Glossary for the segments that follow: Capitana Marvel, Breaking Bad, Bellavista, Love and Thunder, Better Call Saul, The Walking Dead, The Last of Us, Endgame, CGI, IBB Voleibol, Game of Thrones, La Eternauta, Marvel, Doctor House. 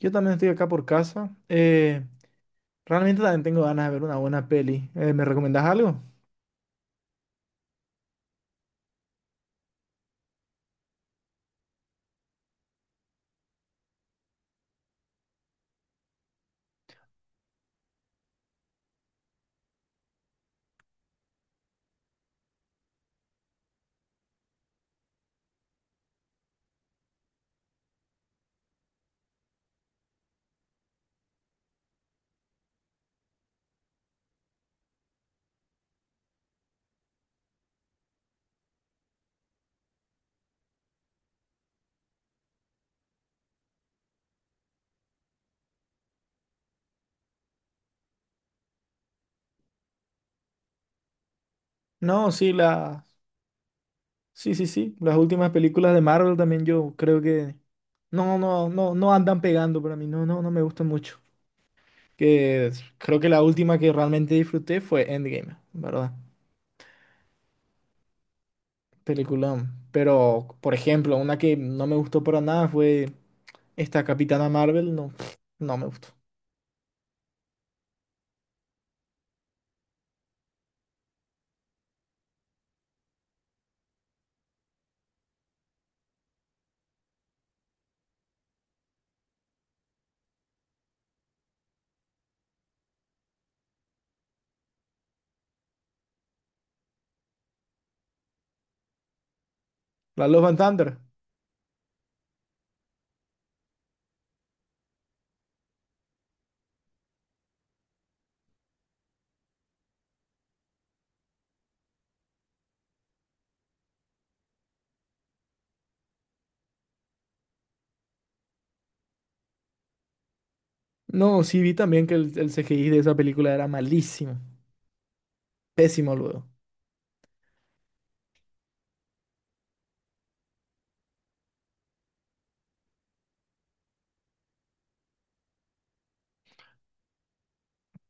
Yo también estoy acá por casa. Realmente también tengo ganas de ver una buena peli. ¿Me recomendás algo? No, sí, la... Sí, sí, sí, las últimas películas de Marvel también yo creo que... No, no, no, no andan pegando para mí. No, no, no me gustan mucho. Creo que la última que realmente disfruté fue Endgame, ¿verdad? Peliculón. Pero, por ejemplo, una que no me gustó para nada fue esta Capitana Marvel. No, no me gustó. La Love and Thunder. No, sí vi también que el CGI de esa película era malísimo, pésimo luego.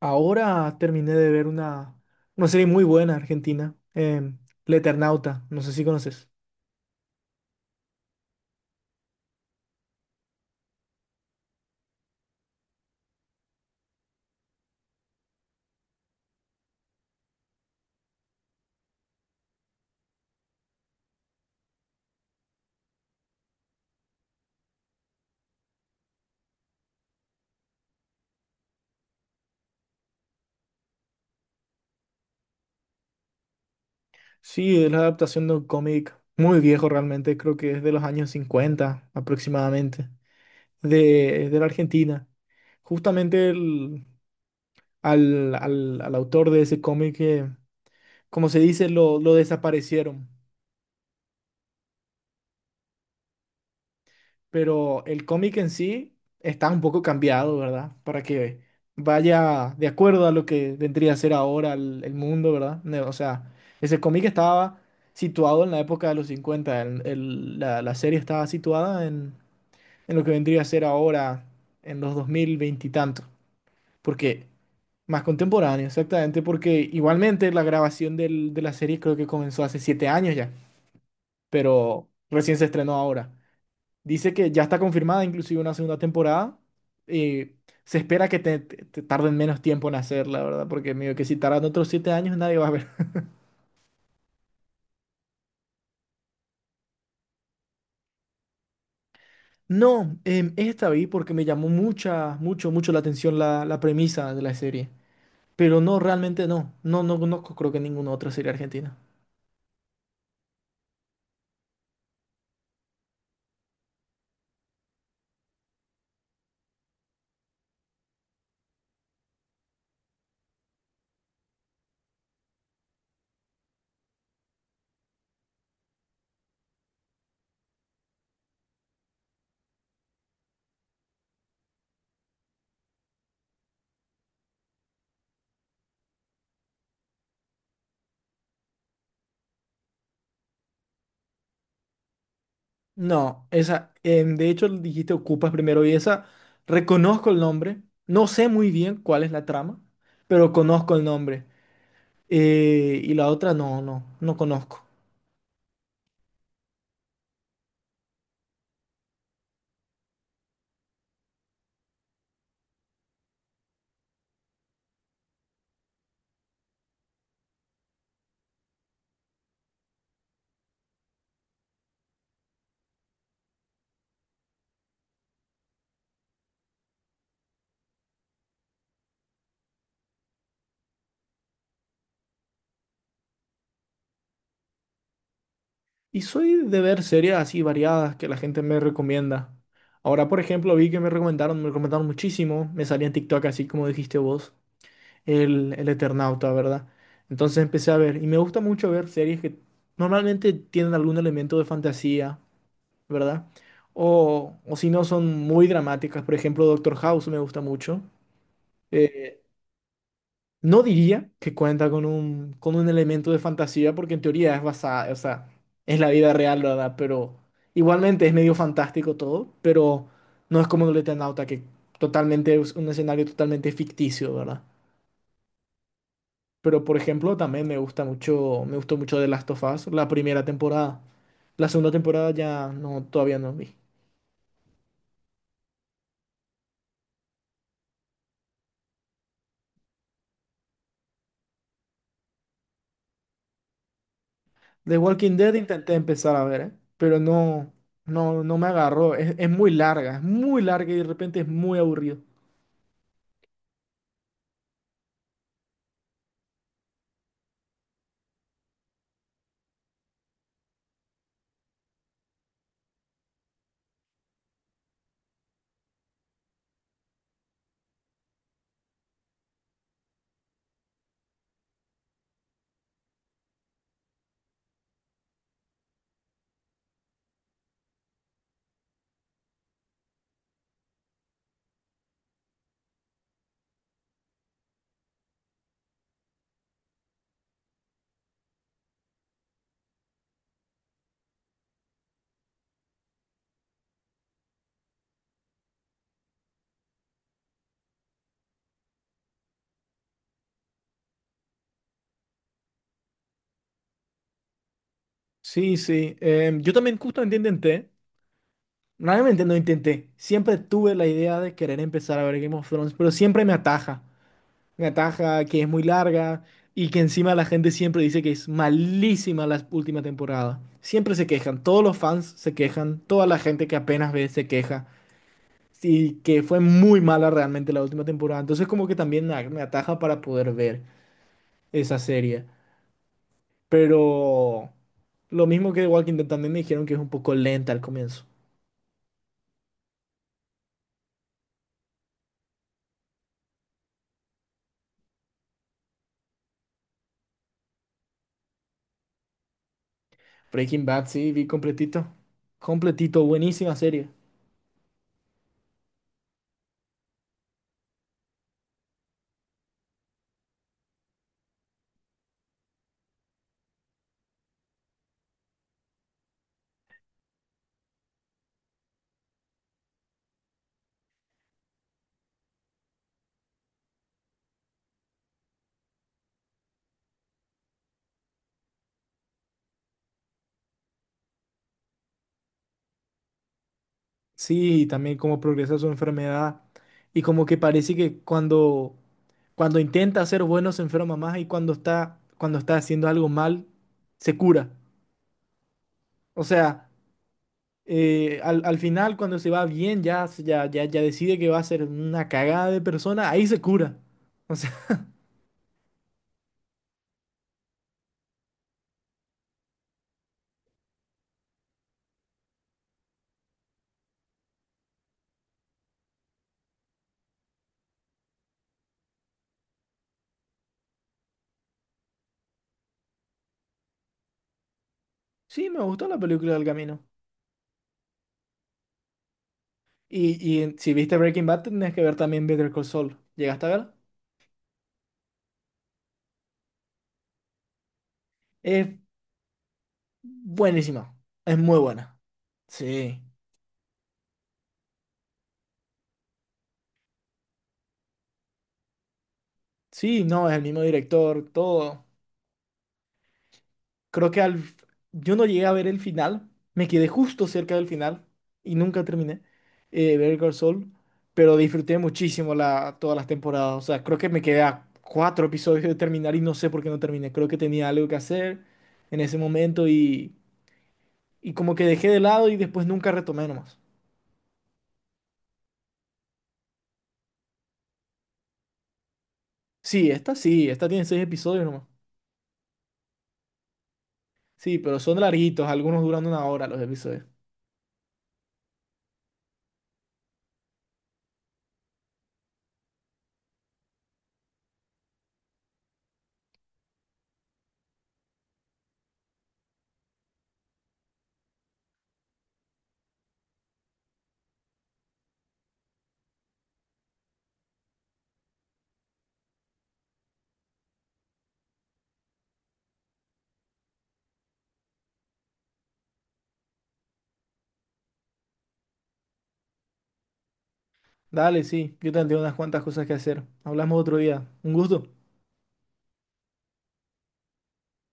Ahora terminé de ver una serie muy buena argentina, La Eternauta, no sé si conoces. Sí, es la adaptación de un cómic muy viejo realmente, creo que es de los años 50 aproximadamente, de la Argentina. Justamente al autor de ese cómic, como se dice, lo desaparecieron, pero el cómic en sí está un poco cambiado, ¿verdad? Para que vaya de acuerdo a lo que vendría a ser ahora el mundo, ¿verdad? O sea, ese cómic estaba situado en la época de los 50, la serie estaba situada en lo que vendría a ser ahora, en los 2020 y tanto, porque más contemporáneo, exactamente, porque igualmente la grabación de la serie creo que comenzó hace 7 años ya, pero recién se estrenó ahora. Dice que ya está confirmada inclusive una segunda temporada. Eh, Se espera que te tarden menos tiempo en hacerla, ¿verdad? Porque medio que si tardan otros 7 años nadie va a ver. No, esta vi porque me llamó mucha, mucho, mucho la atención la premisa de la serie. Pero no, realmente no. No, no conozco creo que ninguna otra serie argentina. No, esa, de hecho dijiste Ocupas primero y esa, reconozco el nombre. No sé muy bien cuál es la trama, pero conozco el nombre. Y la otra no, no, no conozco. Y soy de ver series así variadas que la gente me recomienda. Ahora, por ejemplo, vi que me recomendaron muchísimo. Me salía en TikTok, así como dijiste vos, el Eternauta, ¿verdad? Entonces empecé a ver. Y me gusta mucho ver series que normalmente tienen algún elemento de fantasía, ¿verdad? O si no, son muy dramáticas. Por ejemplo, Doctor House me gusta mucho. Eh, no diría que cuenta con un elemento de fantasía, porque en teoría es basada, o sea, es la vida real, ¿verdad? Pero igualmente es medio fantástico todo, pero no es como el Eternauta, que totalmente es un escenario totalmente ficticio, ¿verdad? Pero por ejemplo, también me gusta mucho, me gustó mucho The Last of Us, la primera temporada. La segunda temporada ya no, todavía no vi. The Walking Dead intenté empezar a ver, ¿eh? Pero no, no, no me agarró. Es muy larga y de repente es muy aburrido. Sí, sí. Yo también justamente intenté. Realmente no intenté. Siempre tuve la idea de querer empezar a ver Game of Thrones, pero siempre me ataja. Me ataja que es muy larga y que encima la gente siempre dice que es malísima la última temporada. Siempre se quejan. Todos los fans se quejan. Toda la gente que apenas ve se queja. Y que fue muy mala realmente la última temporada. Entonces como que también me ataja para poder ver esa serie. Pero lo mismo que The Walking Dead también me dijeron que es un poco lenta al comienzo. Breaking Bad, sí, vi completito. Completito, buenísima serie. Sí, y también cómo progresa su enfermedad. Y como que parece que cuando, cuando intenta ser bueno se enferma más y cuando está haciendo algo mal, se cura. O sea, al final cuando se va bien, ya decide que va a ser una cagada de persona, ahí se cura. O sea, sí, me gustó la película del camino. Y, si viste Breaking Bad, tenés que ver también Better Call Saul. ¿Llegaste a ver? Es Buenísima, es muy buena. Sí, sí, no, es el mismo director, todo. Creo que al... yo no llegué a ver el final, me quedé justo cerca del final y nunca terminé Better Call Saul, pero disfruté muchísimo la... todas las temporadas. O sea, creo que me quedé a 4 episodios de terminar y no sé por qué no terminé. Creo que tenía algo que hacer en ese momento y como que dejé de lado y después nunca retomé nomás. Sí, esta tiene 6 episodios nomás. Sí, pero son larguitos, algunos duran una hora los episodios. Dale, sí, yo también tengo unas cuantas cosas que hacer. Hablamos otro día. Un gusto.